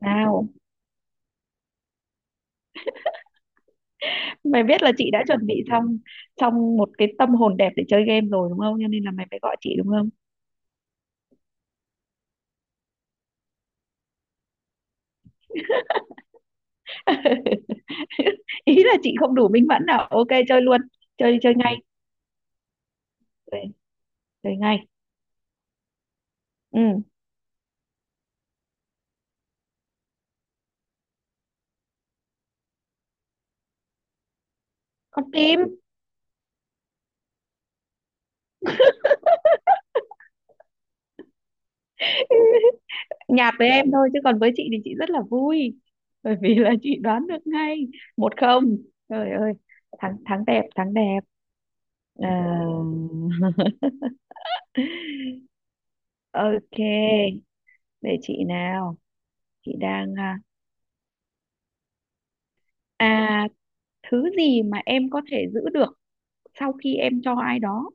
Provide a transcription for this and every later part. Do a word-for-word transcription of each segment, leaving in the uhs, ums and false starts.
Nào, mày biết là chị đã chuẩn bị xong trong một cái tâm hồn đẹp để chơi game rồi đúng không? Cho nên là mày phải gọi chị đúng không? Ý là chị không đủ minh mẫn nào. Ok chơi luôn. Chơi chơi ngay. Chơi, chơi ngay. Ừ, con tim. Nhạt với em thôi chứ còn với chị thì chị rất là vui. Bởi vì là chị đoán được ngay. Một không. Trời ơi, thắng thắng đẹp, thắng đẹp. À, ok, để chị nào. Chị đang à, thứ gì mà em có thể giữ được sau khi em cho ai đó.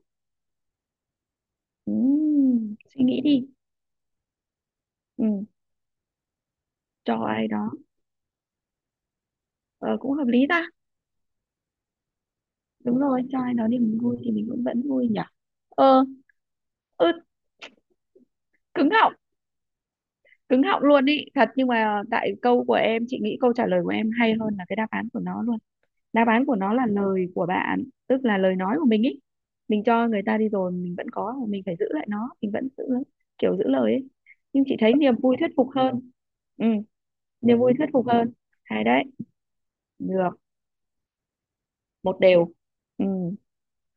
Ừm, suy nghĩ đi. Ừ, cho ai đó. Ờ, cũng hợp lý ta. Đúng rồi, cho ai đó thì vui thì mình cũng vẫn vui nhỉ. Ờ. Ừ, cứng họng, cứng họng luôn ý thật, nhưng mà tại câu của em chị nghĩ câu trả lời của em hay hơn là cái đáp án của nó luôn. Đáp án của nó là lời của bạn, tức là lời nói của mình ý. Mình cho người ta đi rồi mình vẫn có mà mình phải giữ lại nó mình vẫn giữ, kiểu giữ lời ấy. Nhưng chị thấy niềm vui thuyết phục hơn. Ừ, niềm vui thuyết phục hơn. Hay đấy. Được. Một đều. Ừ,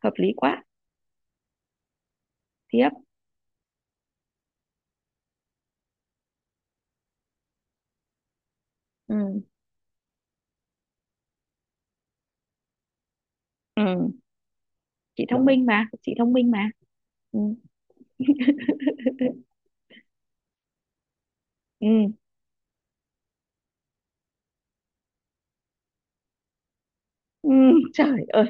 hợp lý quá. Tiếp. Ừ, ừ. Chị thông minh mà, chị thông minh mà. Ừ, ừ, ừ. Trời ơi,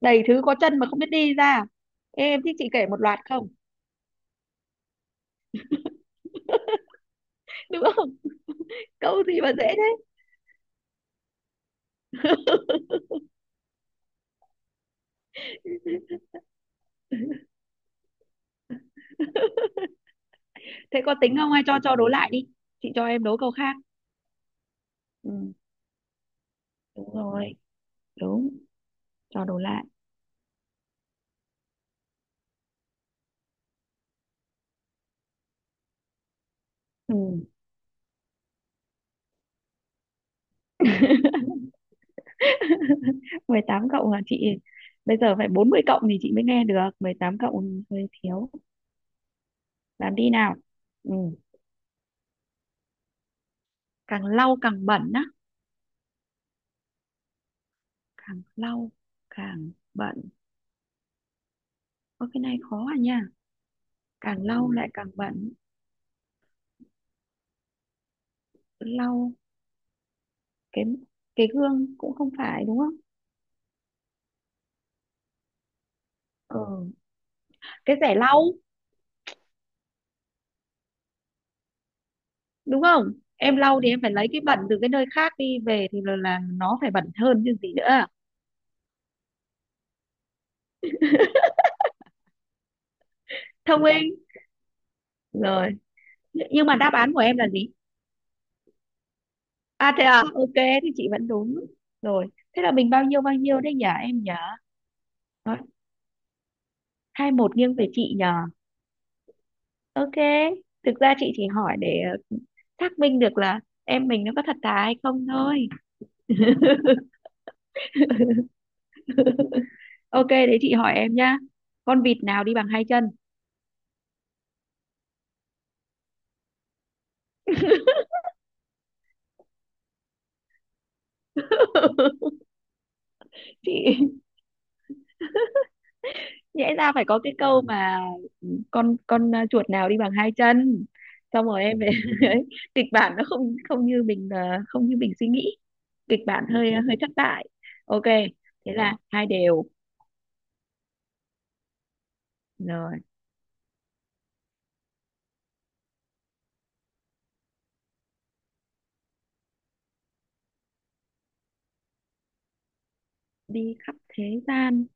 đầy thứ có chân mà không biết đi ra. Ê, em thích chị kể một loạt không? Đúng không? Câu gì mà dễ thế? Thế có tính không hay cho cho đố lại đi. Chị cho em đố câu khác. Ừ, đúng rồi. Đúng. Cho đố lại. Ừ. Mười tám cộng là chị bây giờ phải bốn mươi cộng thì chị mới nghe được, mười tám cộng hơi thiếu. Làm đi nào. Ừ. Càng lau càng bẩn á. Càng lau càng bẩn. Ơ cái này khó à nha. Càng lau lại càng bẩn. Lau cái cái gương cũng không phải đúng không? Ừ. Cái rẻ lau đúng không? Em lau thì em phải lấy cái bẩn từ cái nơi khác đi về thì là, là nó phải bẩn hơn chứ gì nữa. Thông minh. Rồi. Nh- Nhưng mà đáp án của em là gì? À thế à, ok thì chị vẫn đúng. Rồi. Thế là mình bao nhiêu bao nhiêu đấy nhỉ em nhỉ? Hai một nghiêng về chị nhỉ? Ok, thực ra chị chỉ hỏi để ờ, xác minh được là em mình nó có thật thà hay không thôi. Ok, đấy chị hỏi em nhá. Con vịt nào đi bằng hai chân? Chị nhẽ ra phải có cái câu mà con con ờ, chuột nào đi bằng hai chân. Xong rồi em ấy, kịch bản nó không không như mình ờ, không như mình suy nghĩ. Kịch bản hơi ờ, hơi thất bại. Ok, thế là hai đều. Rồi, đi khắp thế gian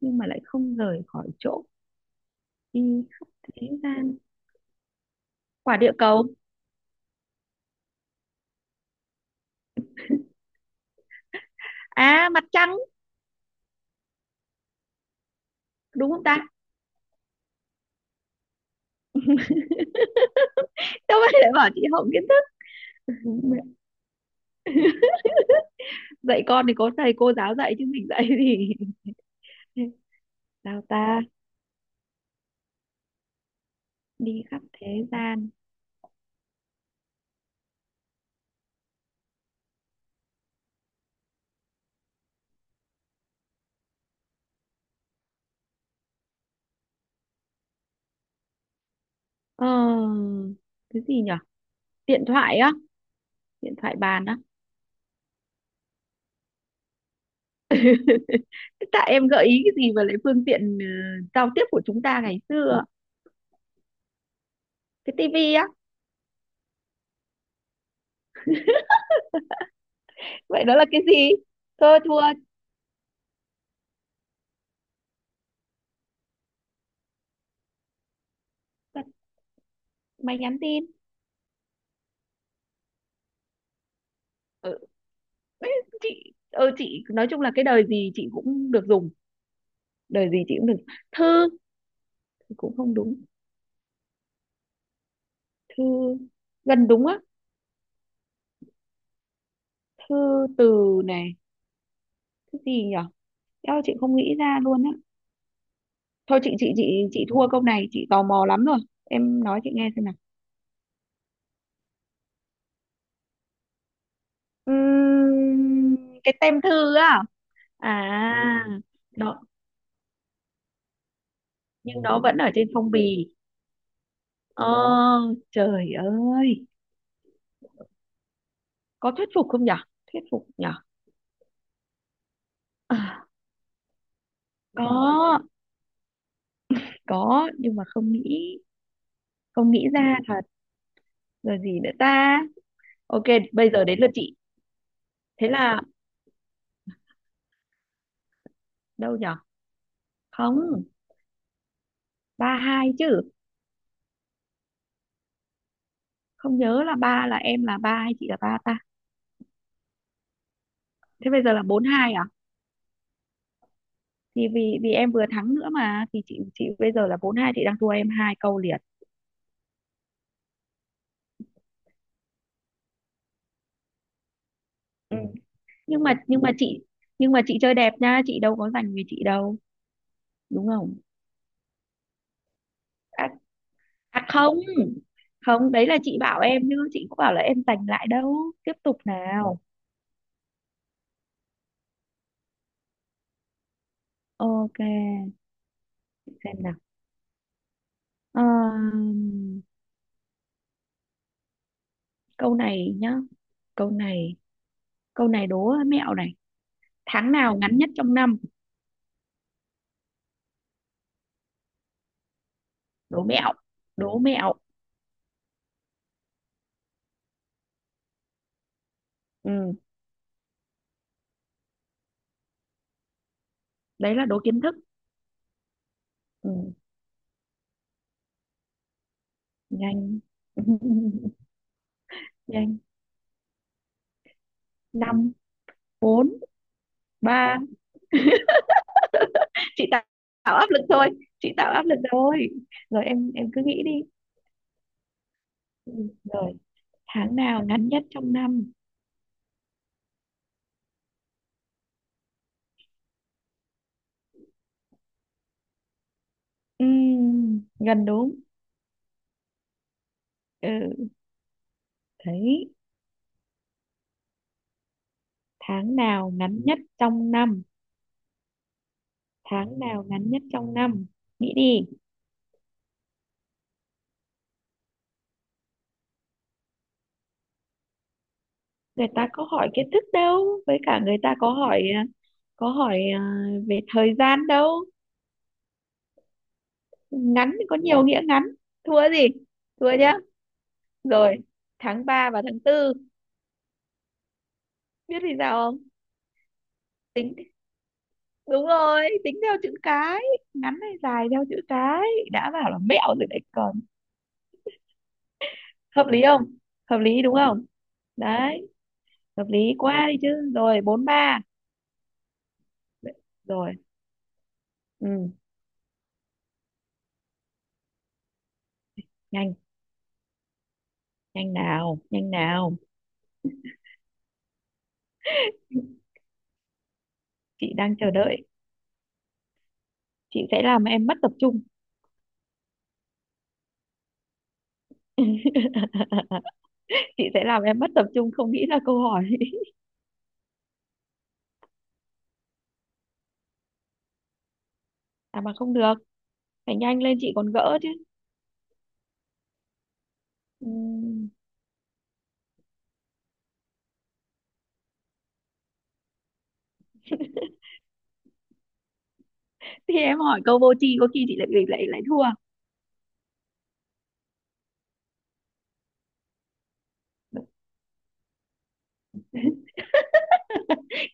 nhưng mà lại không rời khỏi chỗ. Đi khắp thế gian. Quả địa cầu. À, mặt trăng. Đúng không ta? Đâu phải lại bảo chị hổng kiến thức. Dạy con thì có thầy cô giáo dạy chứ mình dạy thì sao ta. Đi khắp thế gian. Ờ, cái gì nhở? Điện thoại á. Điện thoại bàn á. Thế tại em gợi ý cái gì mà lại phương tiện ờ, giao tiếp của chúng ta ngày xưa. Cái tivi á. Vậy đó là cái gì? Thôi thua. Máy nhắn tin. Ừ, ấy, chị ừ, chị nói chung là cái đời gì chị cũng được dùng. Đời gì chị cũng được. Thư. Cũng không đúng. Thư. Gần đúng á. Thư từ này. Cái gì nhở? Eo chị không nghĩ ra luôn á. Thôi chị chị chị chị thua câu này, chị tò mò lắm rồi. Em nói chị nghe xem nào. Ừm, cái tem thư á. À, đó. Nhưng nó vẫn ở trên phong bì. Ờ, trời ơi. Có thuyết phục không nhở? Thuyết phục nhở. À, có. Có nhưng mà không nghĩ. Không nghĩ ra thật. Rồi gì nữa ta? Ok, bây giờ đến lượt chị. Thế là đâu nhở? Không, ba hai chứ. Không nhớ là ba là em là ba hay chị là ba ta. Thế bây giờ là bốn hai à? Thì vì vì em vừa thắng nữa mà thì chị chị bây giờ là bốn hai chị đang thua em hai câu liền. Ừ. nhưng mà nhưng mà chị, nhưng mà chị chơi đẹp nha chị đâu có giành về chị đâu đúng không. À, à không, không đấy là chị bảo em chứ chị cũng bảo là em giành lại đâu. Tiếp tục nào. Ok, xem nào. Ờm, Câu này nhá. Câu này, câu này đố mẹo này. Tháng nào ngắn nhất trong năm? Đố mẹo, đố mẹo. Ừ. Đấy là đố kiến thức. Ừ. Nhanh. Nhanh. Năm. Bốn. Ba. Chị tạo tạo áp lực thôi. Chị tạo áp lực thôi. Rồi em em cứ nghĩ đi. Ừ. Rồi. Tháng nào ngắn nhất trong năm? Ừm, gần đúng. Ừ. Thấy. Tháng nào ngắn nhất trong năm? Tháng nào ngắn nhất trong năm? Nghĩ đi. Người ta có hỏi kiến thức đâu với cả người ta có hỏi à, có hỏi à, về thời gian đâu. Ngắn thì có nhiều nghĩa ngắn. Thua gì? Thua nhá. Rồi. Tháng ba và tháng tư. Biết vì sao không? Tính. Đúng rồi, tính theo chữ cái. Ngắn hay dài theo chữ cái. Đã bảo là mẹo rồi đấy còn. Hợp lý không? Hợp lý đúng không? Đấy. Hợp lý quá đi chứ. Rồi, bốn ba. Rồi. Ừ. Nhanh, nhanh nào, nhanh nào. Chị đang chờ đợi. Chị sẽ làm em mất tập trung. Chị sẽ làm em mất tập trung không nghĩ ra câu hỏi. À mà không được, phải nhanh lên chị còn gỡ chứ. Ừm, thì em hỏi câu vô tri có khi chị lại lại lại thua.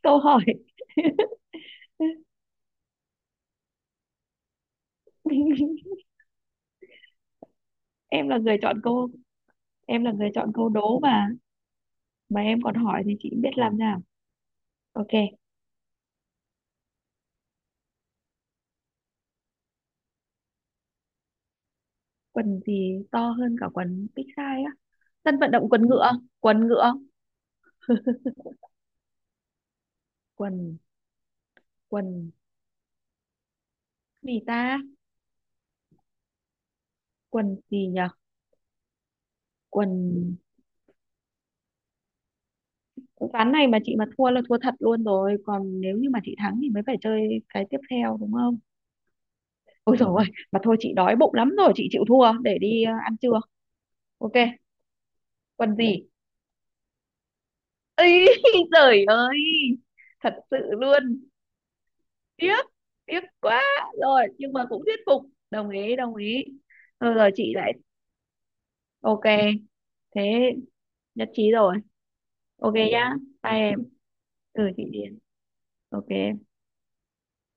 Câu hỏi. Em là người chọn câu. Em là người chọn câu đố mà. Mà em còn hỏi thì chị biết làm nào. Ok. Quần gì to hơn cả quần big size á? Sân vận động quần ngựa. Quần ngựa. Quần, quần gì ta? Quần gì nhở? Quần. Ván này mà chị mà thua là thua thật luôn rồi còn nếu như mà chị thắng thì mới phải chơi cái tiếp theo đúng không? Ôi dồi ôi. Mà thôi chị đói bụng lắm rồi, chị chịu thua để đi ờ, ăn trưa. Ok. Quần gì? Ấy, trời ơi. Thật sự luôn. Tiếc, tiếc quá. Rồi nhưng mà cũng thuyết phục. Đồng ý, đồng ý. Rồi rồi chị lại. Ok. Thế. Nhất trí rồi. Ok nhá. Bye em. Ừ chị Điền. Ok